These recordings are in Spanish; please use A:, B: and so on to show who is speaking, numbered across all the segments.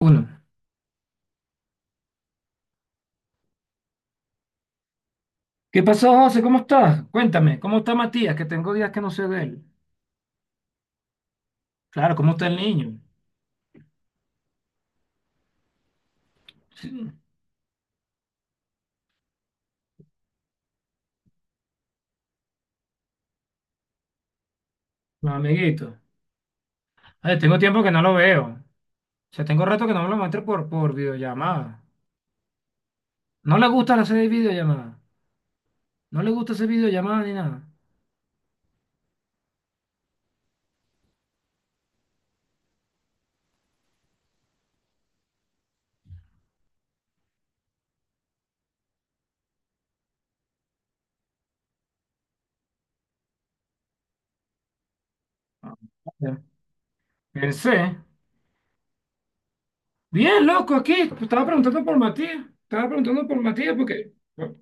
A: Uno. ¿Qué pasó, José? ¿Cómo estás? Cuéntame, ¿cómo está Matías? Que tengo días que no sé de él. Claro, ¿cómo está el niño? Sí. No, amiguito. Ay, tengo tiempo que no lo veo. O sea, tengo rato que no me lo muestro por videollamada. No le gusta hacer videollamada. No le gusta hacer videollamada ni nada. Ah, ya. Pensé. Bien, loco, aquí. Pues estaba preguntando por Matías. Estaba preguntando por Matías porque bueno,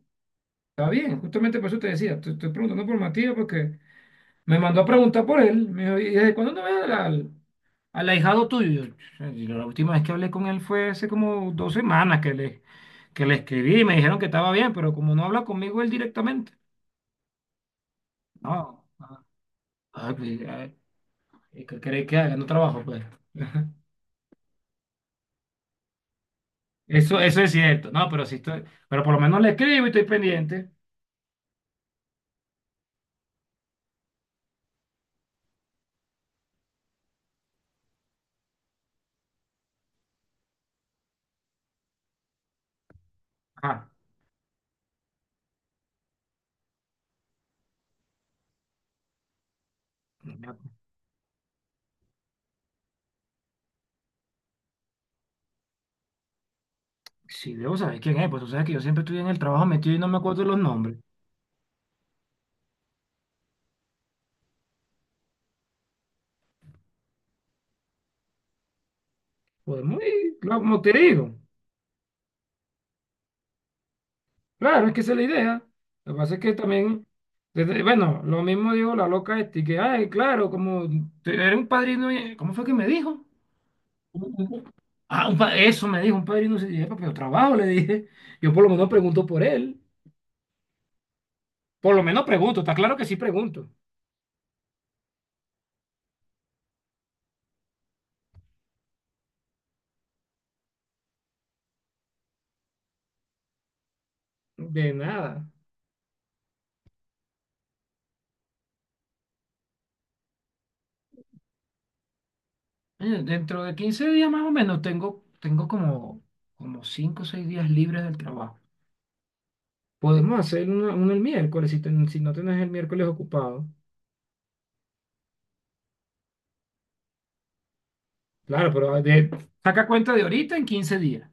A: está bien, justamente por eso te decía. Te estoy preguntando por Matías porque me mandó a preguntar por él. Me dijo, ¿y desde cuándo no ves al, al ahijado tuyo? yo- la última vez que hablé con él fue hace como 2 semanas que le escribí y me dijeron que estaba bien, pero como no habla conmigo él directamente, no. Ah, pues, ah, ¿Qué queréis que haga? No trabajo, pues. Eso es cierto, no, pero sí estoy, pero por lo menos le escribo y estoy pendiente. Ah, si debo saber quién es, pues tú sabes que yo siempre estoy en el trabajo metido y no me acuerdo de los nombres. Podemos ir, claro, como te digo. Claro, es que esa es la idea. Lo que pasa es que también, bueno, lo mismo dijo la loca este, que ay, claro, como tú eres un padrino, ¿cómo fue que me dijo? Un- un- Eso me dijo, un padrino, se dije: "Epa, pero trabajo", le dije. Yo por lo menos pregunto por él, por lo menos pregunto, está claro que sí pregunto. De nada. Dentro de 15 días más o menos tengo, tengo como como 5 o 6 días libres del trabajo. Podemos hacer uno, uno el miércoles, si no tenés el miércoles ocupado. Claro, saca cuenta de ahorita en 15 días.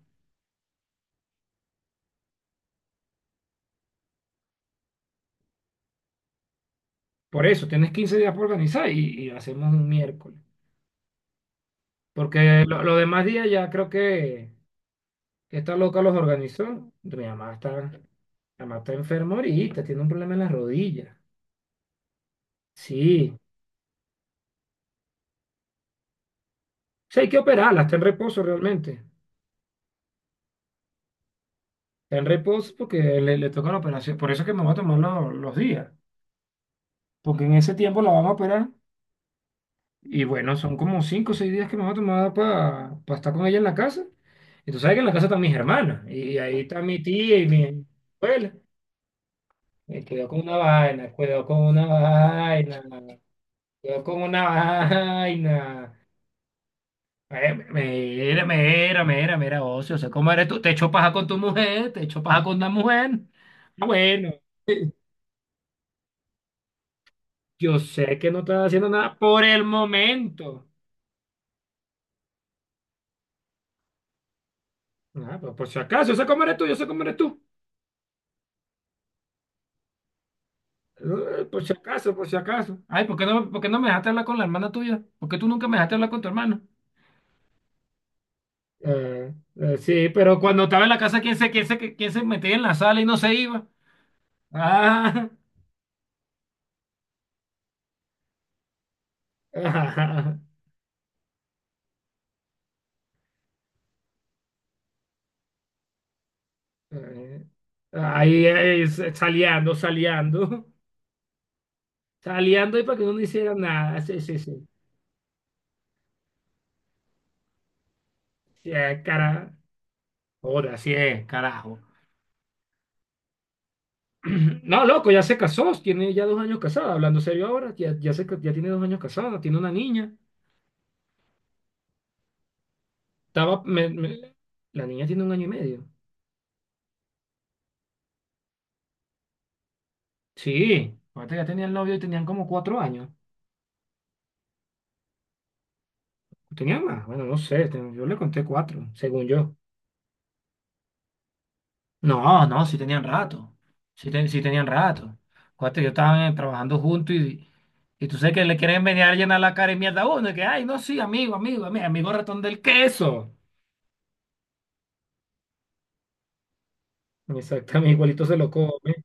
A: Por eso, tienes 15 días para organizar y lo hacemos un miércoles. Porque los demás días ya creo que esta loca los organizó. Mi mamá está enferma ahorita, tiene un problema en las rodillas. Sí, sí, hay que operarla, está en reposo realmente. Está en reposo porque le toca la operación. Por eso es que me va a tomar los días. Porque en ese tiempo la vamos a operar. Y bueno, son como 5 o 6 días que me va a tomar para estar con ella en la casa. Y tú sabes que en la casa están mis hermanas. Y ahí está mi tía y mi abuela. Cuidado con una vaina, cuidado con una vaina, cuidado con una vaina. Mira, mira, mira, mira, ocio. O sea, ¿cómo eres tú? Te echo paja con tu mujer, te echo paja con la mujer. Ah, bueno, yo sé que no estás haciendo nada por el momento. Ah, pero por si acaso, yo sé cómo eres tú, yo sé cómo eres tú. Por si acaso, por si acaso. Ay, por qué no me dejaste hablar con la hermana tuya? ¿Por qué tú nunca me dejaste hablar con tu hermano? Sí, pero cuando estaba en la casa, ¿quién se metía en la sala y no se iba? Ah, eh, saleando, saleando, saleando y para que uno no hiciera nada. Sí, sí, sí. Sí, cara. Joda, sí, carajo. No, loco, ya se casó, tiene ya 2 años casada. Hablando serio ahora, ya tiene 2 años casada, tiene una niña. Estaba, me- me- la niña tiene 1 año y medio. Sí, ahorita ya tenían novio y tenían como 4 años. Tenían más, bueno, no sé, yo le conté cuatro, según yo. No, no, sí tenían rato. Sí, sí tenían rato. Cuate, yo estaban trabajando juntos y tú sabes que le quieren venir a llenar la cara y mierda a uno. Y que ay, no, sí, amigo, amigo, amigo, amigo ratón del queso. Exactamente, igualito se lo come.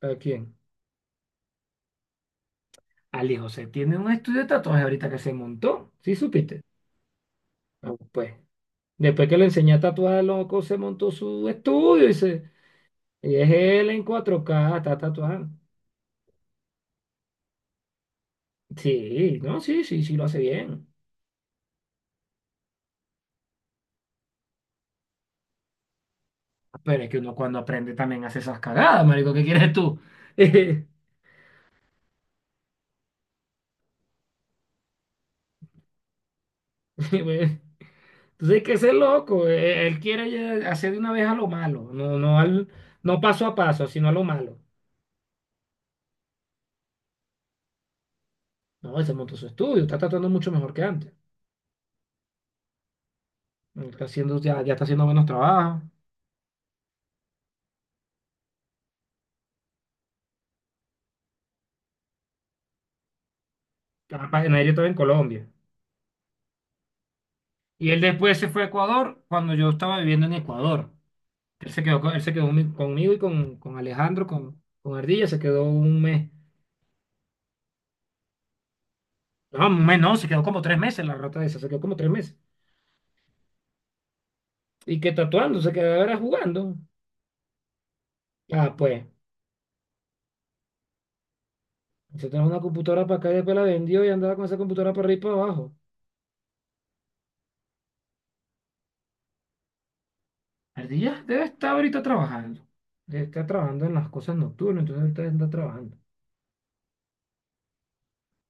A: ¿A quién? Al hijo, se tiene un estudio de tatuajes ahorita que se montó. ¿Sí supiste? Ah, pues. Después que le enseñé a tatuar, loco, se montó su estudio y se, y es él en 4K está tatuado. Sí, no, sí, sí, sí lo hace bien. Pero es que uno cuando aprende también hace esas cagadas, marico, ¿qué quieres tú? Entonces hay que ser loco. Él quiere ya hacer de una vez a lo malo, no paso a paso, sino a lo malo. No, él se montó su estudio, está tatuando mucho mejor que antes. Está haciendo, ya, ya está haciendo buenos trabajos. Capaz, en ello estaba en Colombia. Y él después se fue a Ecuador cuando yo estaba viviendo en Ecuador. Él se quedó conmigo y con Alejandro, con Ardilla, se quedó 1 mes. No, 1 mes no, se quedó como 3 meses la rata esa, se quedó como tres meses. Y que tatuando, se quedaba era jugando. Ah, pues, se trajo una computadora para acá y después la vendió y andaba con esa computadora para arriba y para abajo. Ardilla debe estar ahorita trabajando. Debe estar trabajando en las cosas nocturnas, entonces ahorita anda trabajando.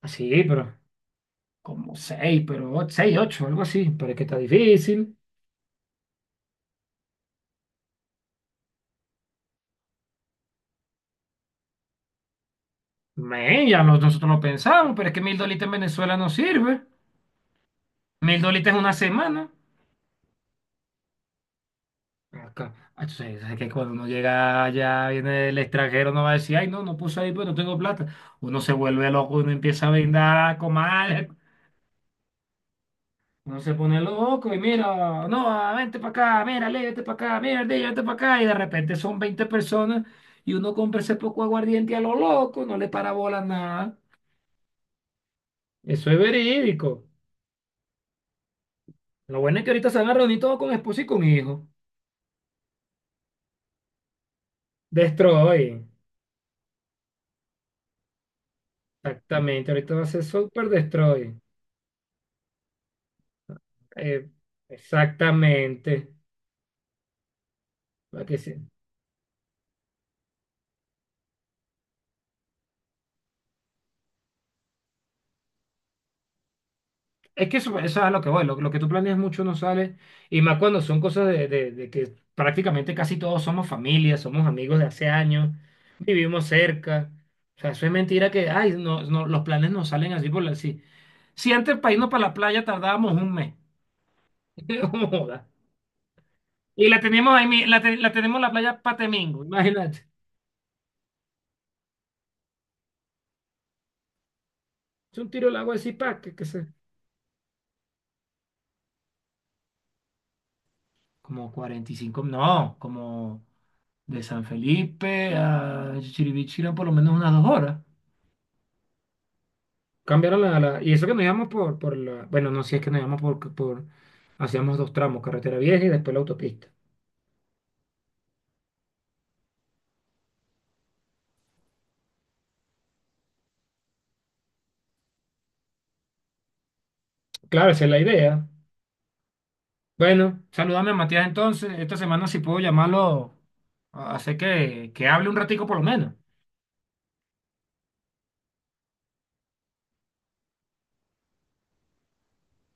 A: Así, pero como seis, seis, ocho, algo así. Pero es que está difícil. Men, nosotros lo pensamos, pero es que 1.000 dolitas en Venezuela no sirve. 1.000 dolitas en una semana. Acá. Ah, tú sabes, sabes que cuando uno llega allá, viene el extranjero, no va a decir, ay, no, no puse ahí, pues no tengo plata. Uno se vuelve loco, uno empieza a brindar, comal, uno se pone loco y mira, no, ah, vente para acá, mira, Leo, vente para acá, mira, Leo, vente para acá. Y de repente son 20 personas y uno compra ese poco aguardiente a lo loco, no le para bola a nada. Eso es verídico. Lo bueno es que ahorita se van a reunir todos con esposo y con hijo. Destroy, exactamente. Ahorita va a ser Super Destroy. Eh, Exactamente. ¿Para qué sí? Es que eso es a lo que voy. Lo que tú planeas mucho no sale. Y más cuando son cosas de que prácticamente casi todos somos familia, somos amigos de hace años, vivimos cerca. O sea, eso es mentira que ay, no, no, los planes no salen así así. Si antes para irnos para la playa tardábamos 1 mes. Joda. Y la teníamos ahí, la tenemos en la playa Patemingo, imagínate. Es un tiro al agua de Zipaqué, que se... Como 45, no, como de San Felipe a Chiribichi eran por lo menos unas 2 horas. Cambiaron Y eso que nos íbamos Bueno, no, si es que nos íbamos hacíamos 2 tramos, carretera vieja y después la autopista. Claro, esa es la idea. Bueno, saludame a Matías entonces. Esta semana si puedo llamarlo, hacer que hable un ratico por lo menos.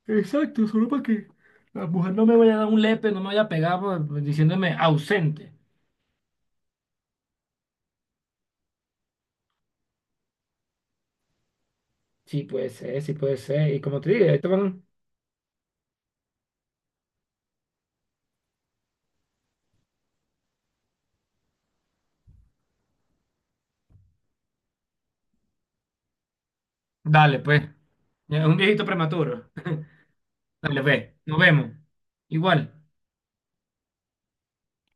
A: Exacto, solo para que la mujer no me vaya a dar un lepe, no me vaya a pegar por diciéndome ausente. Sí puede ser, sí puede ser. Y como te dije, ahí te van. Dale, pues. Ya, un viejito prematuro. Dale, ve. Nos vemos. Igual.